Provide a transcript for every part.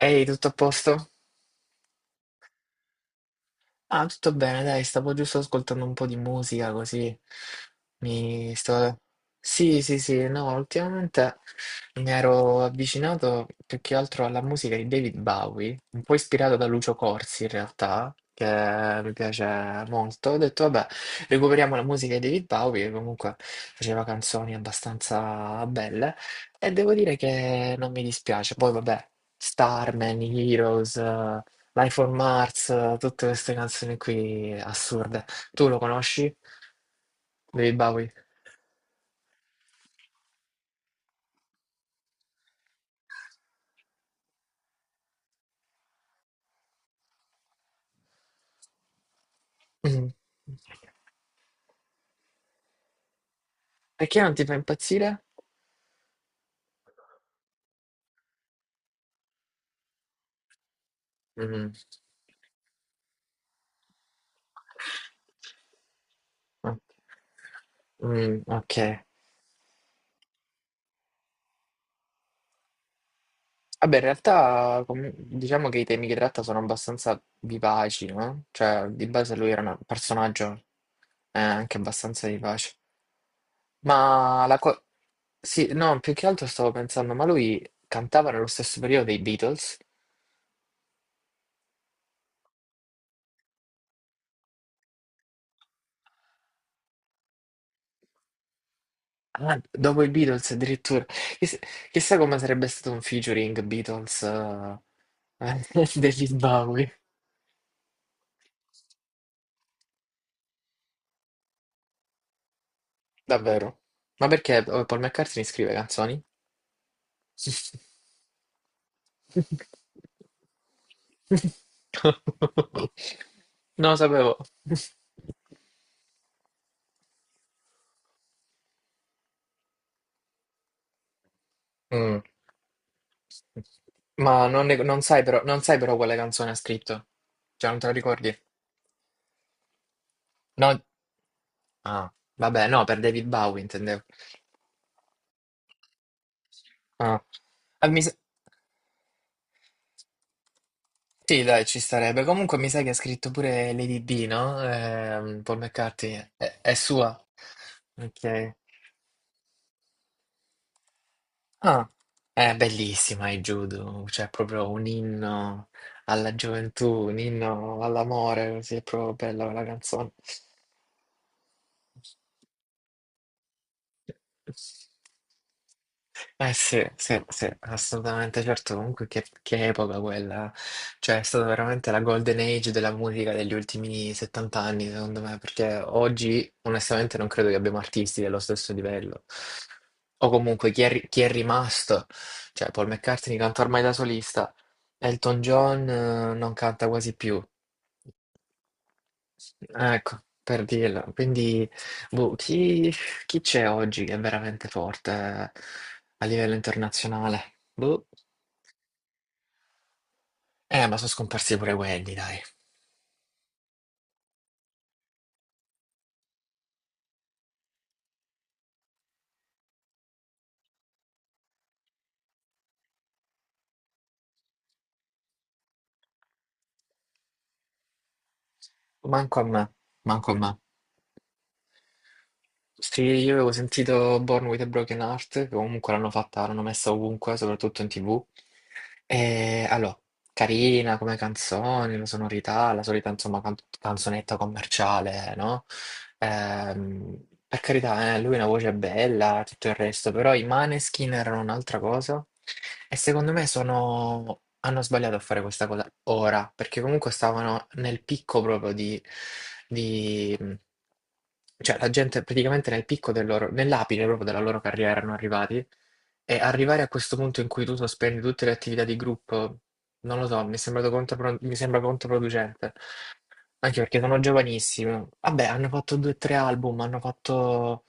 Ehi, tutto a posto? Ah, tutto bene, dai, stavo giusto ascoltando un po' di musica così. Mi sto— Sì, sì, sì, no, ultimamente mi ero avvicinato più che altro alla musica di David Bowie, un po' ispirato da Lucio Corsi in realtà, che mi piace molto. Ho detto, vabbè, recuperiamo la musica di David Bowie, che comunque faceva canzoni abbastanza belle, e devo dire che non mi dispiace. Poi, vabbè, Starman, Heroes. Life on Mars, tutte queste canzoni qui assurde. Tu lo conosci? David Bowie? Mm. Perché non ti fa impazzire? Mm. Ok. Mm, ok. Vabbè, in realtà diciamo che i temi che tratta sono abbastanza vivaci, no? Cioè, di base lui era un personaggio, anche abbastanza vivace. Ma la co- Sì, no, più che altro stavo pensando, ma lui cantava nello stesso periodo dei Beatles? Ah, dopo i Beatles addirittura. Chiss- Chissà, come sarebbe stato un featuring Beatles, degli Bowie. Davvero? Ma perché, Paul McCartney scrive canzoni? Non lo sapevo. Mm. Ma non sai però quale canzone ha scritto? Cioè, non te la ricordi? No? Ah, vabbè, no, per David Bowie intendevo. Ah. Ah, mi sa- Sì, dai, ci starebbe. Comunque mi sa che ha scritto pure Lady B, no? Paul McCartney. È sua. Ok. Ah, è bellissima il judo, cioè è proprio un inno alla gioventù, un inno all'amore, così è proprio bella quella canzone. Eh sì, sì, sì, assolutamente, certo, comunque che epoca quella, cioè è stata veramente la golden age della musica degli ultimi 70 anni, secondo me, perché oggi onestamente non credo che abbiamo artisti dello stesso livello, o comunque chi è rimasto, cioè Paul McCartney canta ormai da solista, Elton John, non canta quasi più, ecco, per dirla, quindi, boh. Chi c'è oggi che è veramente forte, a livello internazionale? Boh. Ma sono scomparsi pure quelli, dai. Manco a me, manco a me. Sì, io avevo sentito Born with a Broken Heart, che comunque l'hanno fatta, l'hanno messa ovunque, soprattutto in TV. E allora, carina come canzone, la sonorità, la solita insomma canzonetta commerciale, no? Ehm, per carità, lui ha una voce bella, tutto il resto, però i Maneskin erano un'altra cosa e secondo me hanno sbagliato a fare questa cosa ora, perché comunque stavano nel picco proprio di. Cioè, la gente praticamente nel picco del loro, nell'apice proprio della loro carriera erano arrivati e arrivare a questo punto in cui tu sospendi tutte le attività di gruppo non lo so, mi sembra controproducente. Anche perché sono giovanissimi. Vabbè, hanno fatto due o tre album, hanno fatto.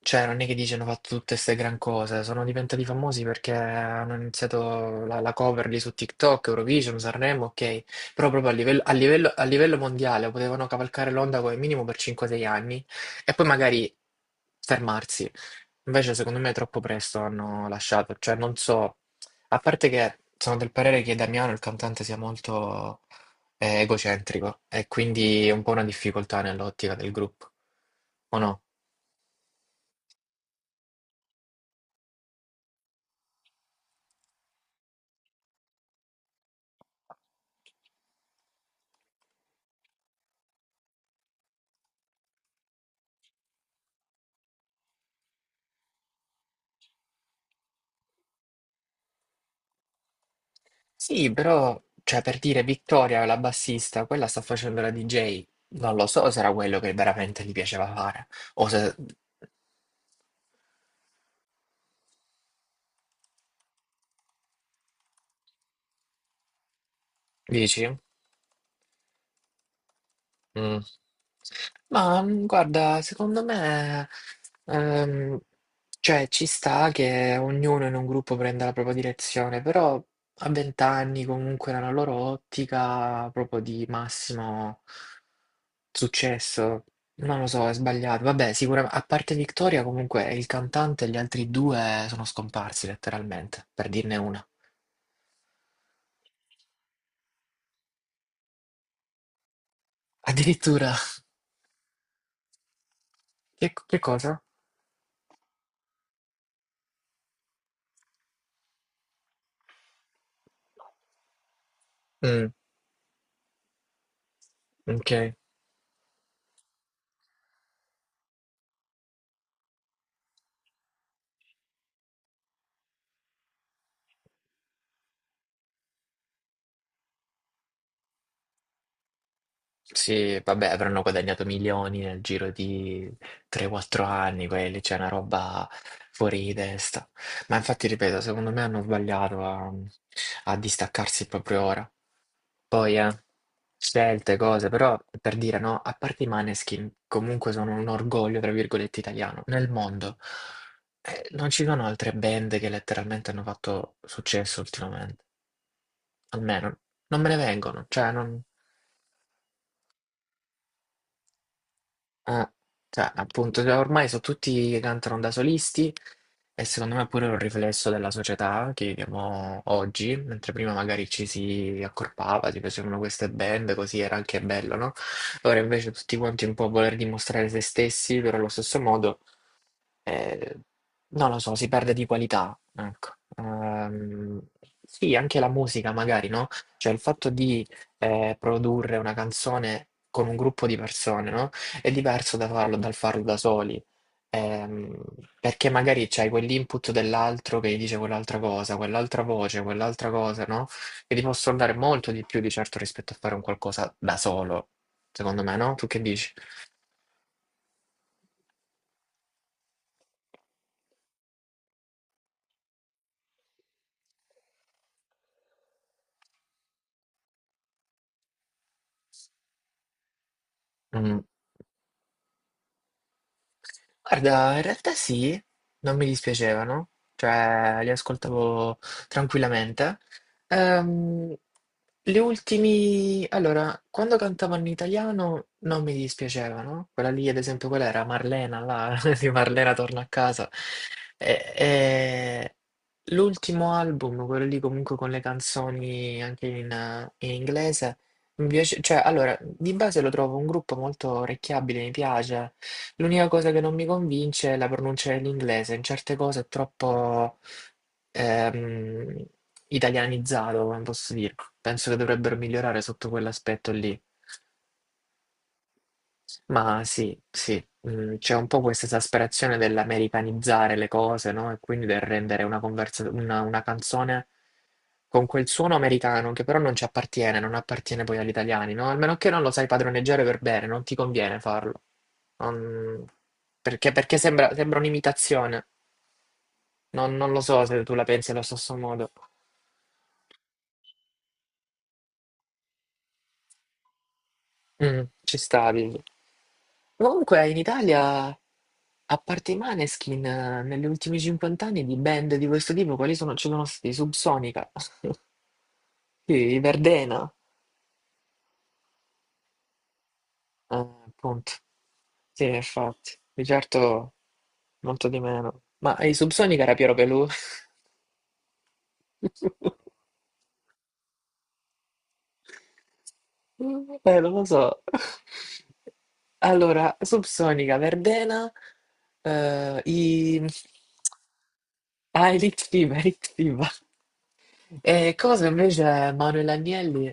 Cioè, non è che dici hanno fatto tutte queste gran cose. Sono diventati famosi perché hanno iniziato la cover lì su TikTok, Eurovision, Sanremo, ok. Però proprio a livello, a livello mondiale potevano cavalcare l'onda come minimo per 5-6 anni e poi magari fermarsi. Invece, secondo me, troppo presto hanno lasciato. Cioè, non so. A parte che sono del parere che Damiano, il cantante, sia molto, egocentrico e quindi è un po' una difficoltà nell'ottica del gruppo, o no? Sì, però, cioè, per dire Vittoria, la bassista, quella sta facendo la DJ, non lo so se era quello che veramente gli piaceva fare, o se dici? Mm. Ma guarda, secondo me, ehm, cioè, ci sta che ognuno in un gruppo prenda la propria direzione, però a 20 anni comunque nella loro ottica proprio di massimo successo. Non lo so, è sbagliato. Vabbè, sicuramente, a parte Victoria, comunque il cantante e gli altri due sono scomparsi letteralmente, per dirne una. Addirittura, che cosa? Mm, ok. Sì, vabbè, avranno guadagnato milioni nel giro di 3-4 anni quelli, c'è una roba fuori di testa. Ma infatti, ripeto, secondo me hanno sbagliato a distaccarsi proprio ora. Poi, scelte, cose, però per dire no, a parte i Maneskin, comunque sono un orgoglio, tra virgolette, italiano. Nel mondo, non ci sono altre band che letteralmente hanno fatto successo ultimamente, almeno non me ne vengono, cioè non. Eh, cioè, appunto, cioè, ormai sono tutti che cantano da solisti e secondo me è pure un riflesso della società che viviamo oggi, mentre prima magari ci si accorpava, si facevano queste band, così era anche bello, no? Ora invece tutti quanti un po' a voler dimostrare se stessi, però allo stesso modo. Eh, Non lo so, si perde di qualità, ecco. Ehm, sì, anche la musica magari, no? Cioè il fatto di produrre una canzone con un gruppo di persone, no? È diverso da farlo, dal farlo da soli. Ehm, perché magari c'hai quell'input dell'altro che gli dice quell'altra cosa, quell'altra voce, quell'altra cosa, no? Che ti possono dare molto di più di certo rispetto a fare un qualcosa da solo, secondo me, no? Tu che dici? Mm. Guarda, in realtà sì, non mi dispiacevano, cioè li ascoltavo tranquillamente. Ehm, le ultimi, allora, quando cantavano in italiano non mi dispiacevano, quella lì ad esempio, quella era Marlena, là, di Marlena torna a casa. E l'ultimo album, quello lì comunque con le canzoni anche in inglese, mi piace, cioè allora, di base lo trovo un gruppo molto orecchiabile, mi piace. L'unica cosa che non mi convince è la pronuncia dell'inglese, in certe cose è troppo ehm, italianizzato, come posso dire. Penso che dovrebbero migliorare sotto quell'aspetto lì. Ma sì, sì, c'è un po' questa esasperazione dell'americanizzare le cose, no? E quindi del rendere una canzone con quel suono americano che però non ci appartiene, non appartiene poi agli italiani, no? Almeno che non lo sai padroneggiare per bene, non ti conviene farlo. Non- perché sembra un'imitazione. Non lo so se tu la pensi allo stesso modo. Mm, ci stavi. Comunque in Italia, a parte i Maneskin, negli ultimi 50 anni di band di questo tipo, quali sono? Ci sono stati Subsonica, sì, i Verdena, eh, appunto. Sì, infatti, di certo molto di meno. Ma i Subsonica era Piero Pelù? Non lo so. Allora, Subsonica, Verdena, i. Ah, Elite Fiba, Elite Fiba. E cosa invece Manuel Agnelli?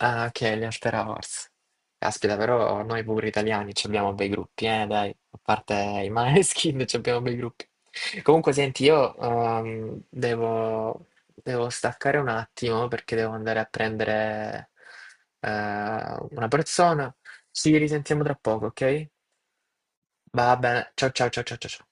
Ah, che gli After Hours. Caspita, però noi pure italiani ci abbiamo bei gruppi, dai. A parte i Maneskin ci abbiamo bei gruppi. Comunque, senti, io devo staccare un attimo perché devo andare a prendere una persona. Ci risentiamo tra poco, ok? Va bene. Ciao, ciao, ciao, ciao, ciao, ciao.